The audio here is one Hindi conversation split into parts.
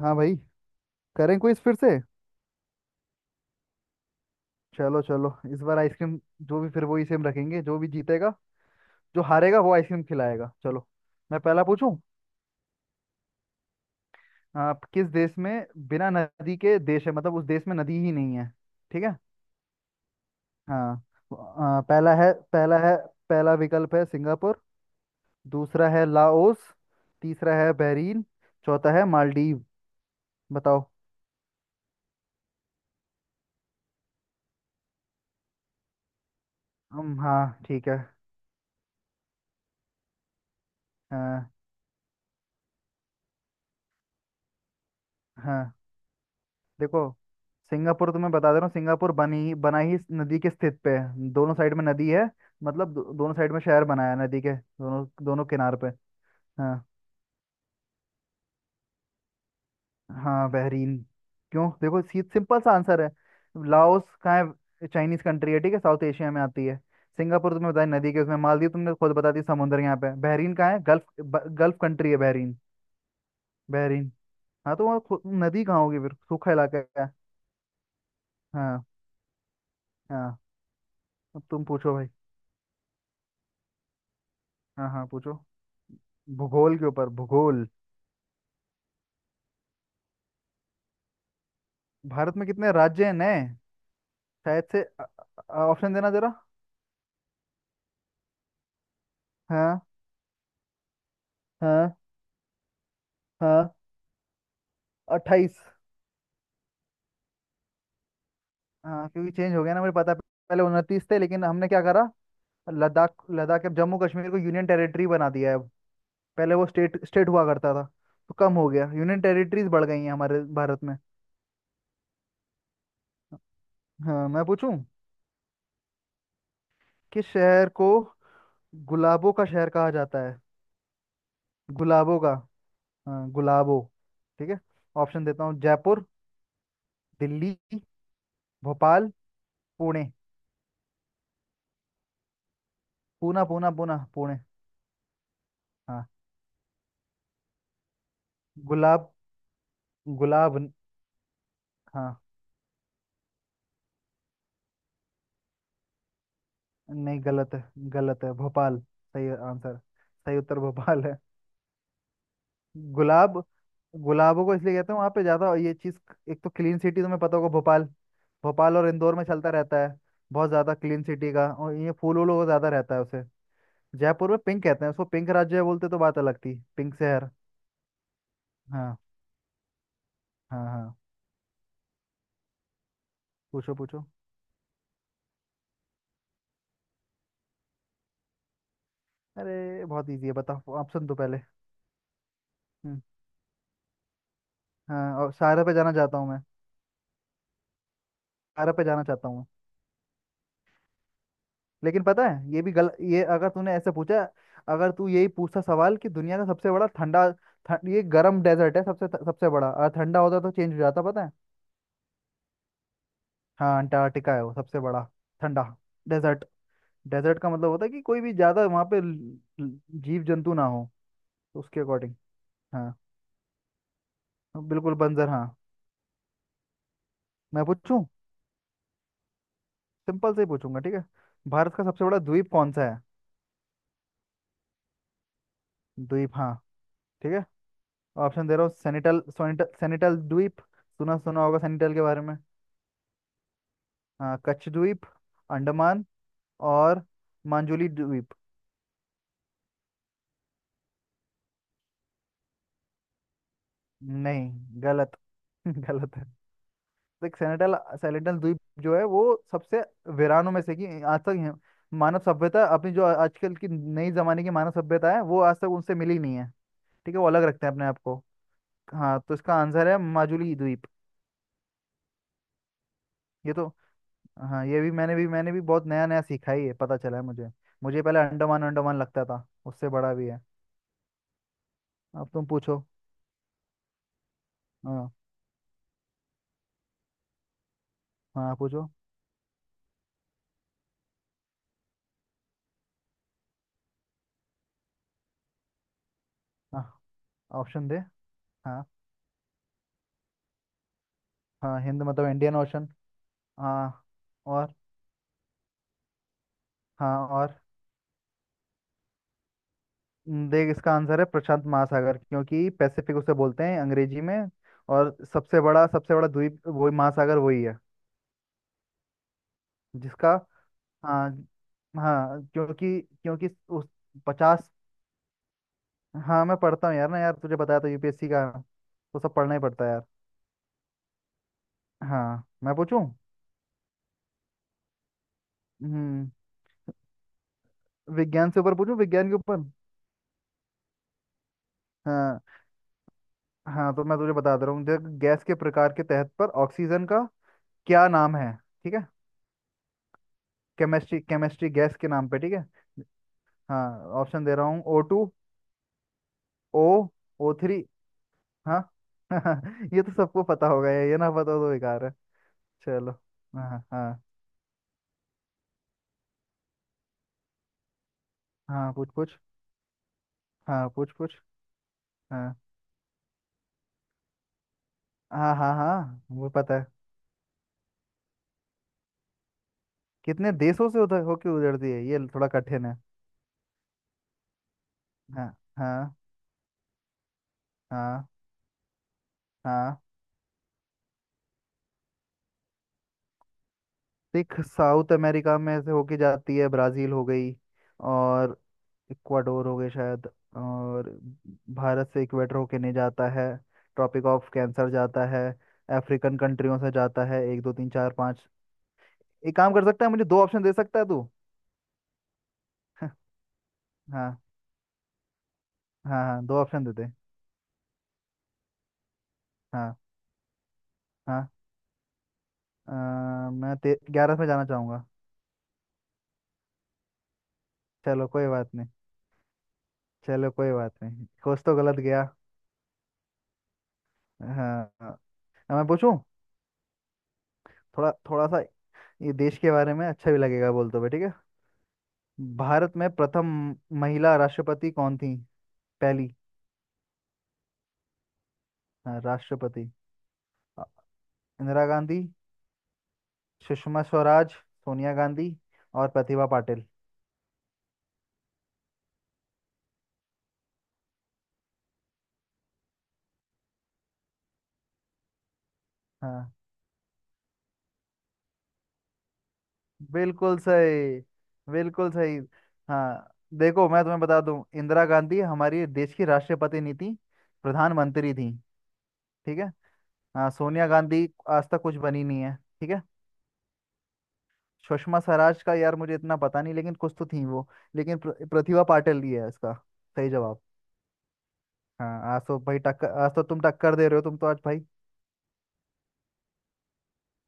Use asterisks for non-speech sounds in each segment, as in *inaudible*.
हाँ भाई। करें क्विज फिर से। चलो चलो, इस बार आइसक्रीम जो भी, फिर वही सेम रखेंगे। जो भी जीतेगा, जो हारेगा वो आइसक्रीम खिलाएगा। चलो, मैं पहला पूछूं। आप किस देश में बिना नदी के देश है, मतलब उस देश में नदी ही नहीं है। ठीक है। हाँ। पहला है पहला विकल्प है सिंगापुर। दूसरा है लाओस। तीसरा है बहरीन। चौथा है मालदीव। बताओ। हम हाँ, ठीक है। हाँ हाँ, देखो, सिंगापुर तो मैं बता दे रहा हूँ, सिंगापुर बनी बना ही इस नदी के स्थित पे है, दोनों साइड में नदी है। मतलब दोनों साइड में शहर बनाया है नदी के दोनों दोनों किनार पे। हाँ हाँ बहरीन। क्यों देखो, सिंपल सा आंसर है। लाओस कहाँ है, चाइनीज कंट्री है, ठीक है, साउथ एशिया में आती है। सिंगापुर तुमने बताया नदी के उसमें, मालदीव तुमने खुद बता दी समुद्र यहाँ पे है। बहरीन कहाँ है, गल्फ गल्फ कंट्री है बहरीन। बहरीन। हाँ तो वहाँ नदी कहाँ होगी फिर, सूखा इलाका है। हाँ। हाँ। अब तुम पूछो भाई। हाँ हाँ पूछो। भूगोल के ऊपर, भूगोल। भारत में कितने राज्य हैं नए। शायद से ऑप्शन देना जरा। हाँ। हाँ। हाँ। 28। हाँ, क्योंकि चेंज हो गया ना, मुझे पता है। पहले 29 थे लेकिन हमने क्या करा, लद्दाख लद्दाख अब जम्मू कश्मीर को यूनियन टेरिटरी बना दिया है अब। पहले वो स्टेट स्टेट हुआ करता था, तो कम हो गया, यूनियन टेरिटरीज बढ़ गई हैं हमारे भारत में। हाँ मैं पूछूं। किस शहर को गुलाबों का शहर कहा जाता है। गुलाबों का। हाँ गुलाबों। ठीक है। ऑप्शन देता हूँ, जयपुर, दिल्ली, भोपाल, पुणे। पूना पूना पूना पुणे। हाँ गुलाब। गुलाब न- हाँ। नहीं गलत है। गलत है, भोपाल सही आंसर। सही उत्तर भोपाल है। गुलाब। गुलाबों को इसलिए कहते हैं, वहां पे ज्यादा ये चीज। एक तो क्लीन सिटी तुम्हें पता होगा, भोपाल। और इंदौर में चलता रहता है बहुत ज्यादा क्लीन सिटी का, और ये फूल वूलों का ज्यादा रहता है उसे। जयपुर में पिंक कहते हैं उसको, पिंक राज्य बोलते तो बात अलग थी, पिंक शहर। हाँ। हाँ हाँ पूछो पूछो। अरे बहुत इजी है, बताओ ऑप्शन दो पहले। हम्म। हाँ, और शायरा पे जाना चाहता हूँ मैं, अरब पे जाना चाहता हूँ। लेकिन पता है ये भी गलत, ये अगर तूने ऐसे पूछा। अगर तू यही पूछता सवाल कि दुनिया का सबसे बड़ा ठंडा ठ- ये गर्म डेजर्ट है सबसे सबसे बड़ा, अगर ठंडा होता तो चेंज हो जाता, पता है। हाँ अंटार्कटिका है वो सबसे बड़ा ठंडा डेजर्ट। डेजर्ट का मतलब होता है कि कोई भी ज्यादा वहाँ पे जीव जंतु ना हो, तो उसके अकॉर्डिंग। हाँ, बिल्कुल बंजर हाँ। मैं पूछूं। सिंपल से ही पूछूंगा, ठीक है। भारत का सबसे बड़ा द्वीप कौन सा है। द्वीप हाँ। ठीक है। ऑप्शन दे रहा हूँ, सेनिटल द्वीप, सुना सुना होगा सेनिटल के बारे में। हाँ, कच्छ द्वीप, अंडमान, और मांजुली द्वीप। नहीं। गलत। *laughs* गलत है। देख सेनिटल, सेनिटल द्वीप जो है वो सबसे वीरानों में से कि मानव सभ्यता अपनी, जो आजकल की नई जमाने की मानव सभ्यता है, वो आज तक उनसे मिली नहीं है। ठीक है, वो अलग रखते हैं अपने आप को। हाँ, तो इसका आंसर है माजुली द्वीप। ये तो हाँ ये भी मैंने भी बहुत नया नया सीखा ही है, पता चला है मुझे। मुझे पहले अंडमान अंडमान लगता था, उससे बड़ा भी है। अब तुम पूछो। हाँ हाँ पूछो। हाँ, ऑप्शन दे। हाँ। हाँ हिंद मतलब इंडियन ओशन। हाँ और। हाँ और। न, देख इसका आंसर है प्रशांत महासागर, क्योंकि पैसिफिक उसे बोलते हैं अंग्रेजी में। और सबसे बड़ा द्वीप वही, महासागर वही है जिसका। हाँ। हाँ, क्योंकि क्योंकि उस, 50। हाँ मैं पढ़ता हूँ यार, ना यार, तुझे बताया था UPSC का, तो सब पढ़ना ही पड़ता है यार। हाँ मैं पूछूं। हम्म। विज्ञान से ऊपर पूछूं, विज्ञान के ऊपर। हाँ हाँ, तो मैं तुझे बता दे रहा हूँ, देख गैस के प्रकार के तहत पर ऑक्सीजन का क्या नाम है। ठीक है। केमिस्ट्री केमिस्ट्री, गैस के नाम पे, ठीक है। हाँ ऑप्शन दे रहा हूँ, O2, ओ O3। हाँ। *laughs* ये तो सबको पता होगा, ये ना पता हो तो बेकार है। चलो। हाँ हाँ। हाँ पूछ पूछ। हाँ पूछ पूछ। हाँ हाँ हाँ, हाँ वो पता है। कितने देशों से उधर होके उधरती है, ये थोड़ा कठिन है। हाँ। हाँ। हाँ। हाँ। सिख साउथ अमेरिका में से होके जाती है, ब्राजील हो गई, और इक्वाडोर हो गई शायद। और भारत से इक्वेटर होके नहीं जाता है, ट्रॉपिक ऑफ कैंसर जाता है। अफ्रीकन कंट्रियों से जाता है, एक दो तीन चार पाँच। एक काम कर सकता है, मुझे दो ऑप्शन दे सकता है तू। *laughs* हाँ। हाँ हाँ, दो ऑप्शन दे दे। हाँ। हाँ अ, मैं 11 में जाना चाहूंगा। चलो कोई बात नहीं। चलो कोई बात नहीं, कुछ तो गलत गया। हाँ। हाँ। अब मैं पूछूं। थोड़ा थोड़ा सा ये देश के बारे में, अच्छा भी लगेगा बोल तो भाई, ठीक है। भारत में प्रथम महिला राष्ट्रपति कौन थी, पहली। हाँ, राष्ट्रपति। अ, इंदिरा गांधी, सुषमा स्वराज, सोनिया गांधी, और प्रतिभा पाटिल। हाँ, बिल्कुल सही। बिल्कुल सही। हाँ। देखो मैं तुम्हें बता दूं, इंदिरा गांधी हमारी देश की राष्ट्रपति नहीं थी, प्रधानमंत्री थी। ठीक है। हाँ सोनिया गांधी आज तक कुछ बनी नहीं है, ठीक है। सुषमा स्वराज का यार मुझे इतना पता नहीं, लेकिन कुछ तो थी वो। लेकिन प्रतिभा पाटिल ही है इसका सही जवाब। हाँ, आज तो भाई टक्कर, आज तो तुम टक्कर दे रहे हो, तुम तो आज भाई।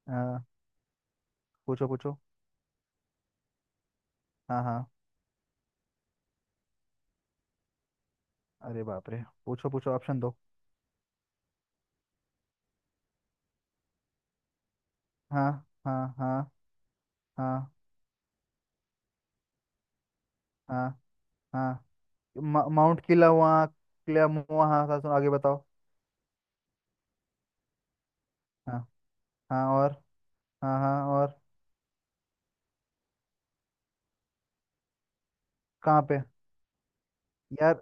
हाँ पूछो पूछो। हाँ हाँ। अरे बाप रे, पूछो पूछो ऑप्शन दो। हाँ। हाँ हाँ। हाँ हाँ हाँ मा- माउंट किला वहाँ किला मुआ हाँ हाँ सुनो आगे बताओ हाँ। हाँ और। हाँ हाँ और। कहाँ पे। यार,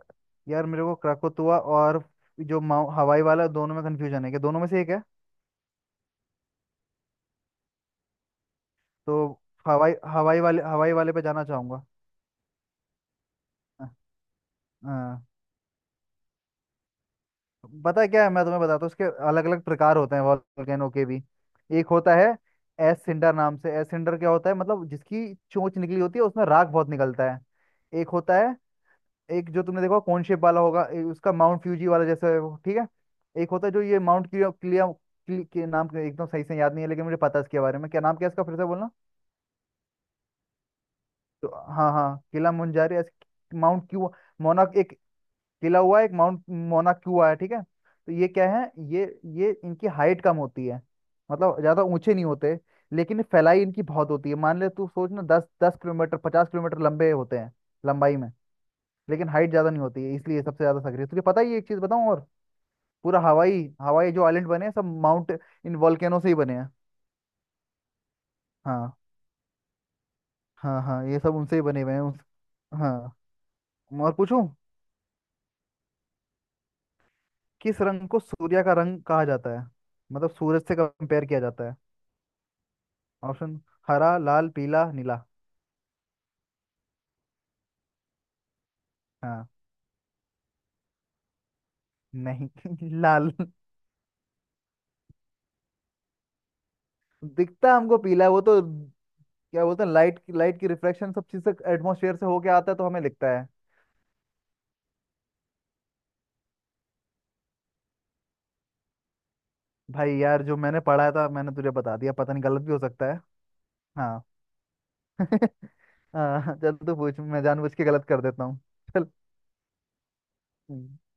मेरे को क्राकोतुआ और जो हवाई वाला, दोनों में कंफ्यूजन है, कि दोनों में से एक है। तो हवाई, हवाई वाले पे जाना चाहूंगा। हाँ, पता है क्या है, मैं तुम्हें बताता हूँ, उसके अलग अलग प्रकार होते हैं वॉल्केनो के भी। एक होता है एसेंडर नाम से। एसेंडर क्या होता है, मतलब जिसकी चोंच निकली होती है, उसमें राख बहुत निकलता है। एक होता है, एक जो तुमने देखा कौन शेप वाला होगा उसका माउंट फ्यूजी वाला जैसा है वो, ठीक है। एक होता है जो ये माउंट क्लिया क्लिया क्लि- के नाम के एकदम सही से याद नहीं है, लेकिन मुझे पता है इसके बारे में, क्या नाम क्या है इसका, फिर से बोलना। तो हाँ हाँ, किला मुंजारी, माउंट क्यू, मोना, एक किला हुआ है, एक माउंट मोना क्यू आया, ठीक है। तो ये क्या है, ये ये इनकी हाइट कम होती है, मतलब ज्यादा ऊंचे नहीं होते, लेकिन फैलाई इनकी बहुत होती है। मान ले तू सोच ना, 10-10 किलोमीटर, 50 किलोमीटर लंबे होते हैं लंबाई में। लेकिन हाइट ज्यादा नहीं होती है, इसलिए सबसे ज्यादा सक्रिय तुझे पता ही है, एक चीज बताऊं और। पूरा हवाई, जो आइलैंड बने हैं, सब माउंट, इन वॉल्केनो से ही बने हैं। हाँ। हाँ हाँ, ये सब उनसे ही बने हुए हैं उस। हाँ, और पूछूं। किस रंग को सूर्य का रंग कहा जाता है, मतलब सूरज से कंपेयर किया जाता है। ऑप्शन, हरा, लाल, पीला, नीला। हाँ। नहीं। *laughs* लाल। दिखता हमको पीला है, वो तो क्या बोलते हैं, लाइट की रिफ्लेक्शन सब चीज से एटमोसफेयर से होके आता है, तो हमें लिखता है। भाई यार, जो मैंने पढ़ा था मैंने तुझे बता दिया, पता नहीं गलत भी हो सकता है। हाँ। *laughs* हाँ चल तू पूछ, मैं जानबूझ के गलत कर देता हूँ। चल।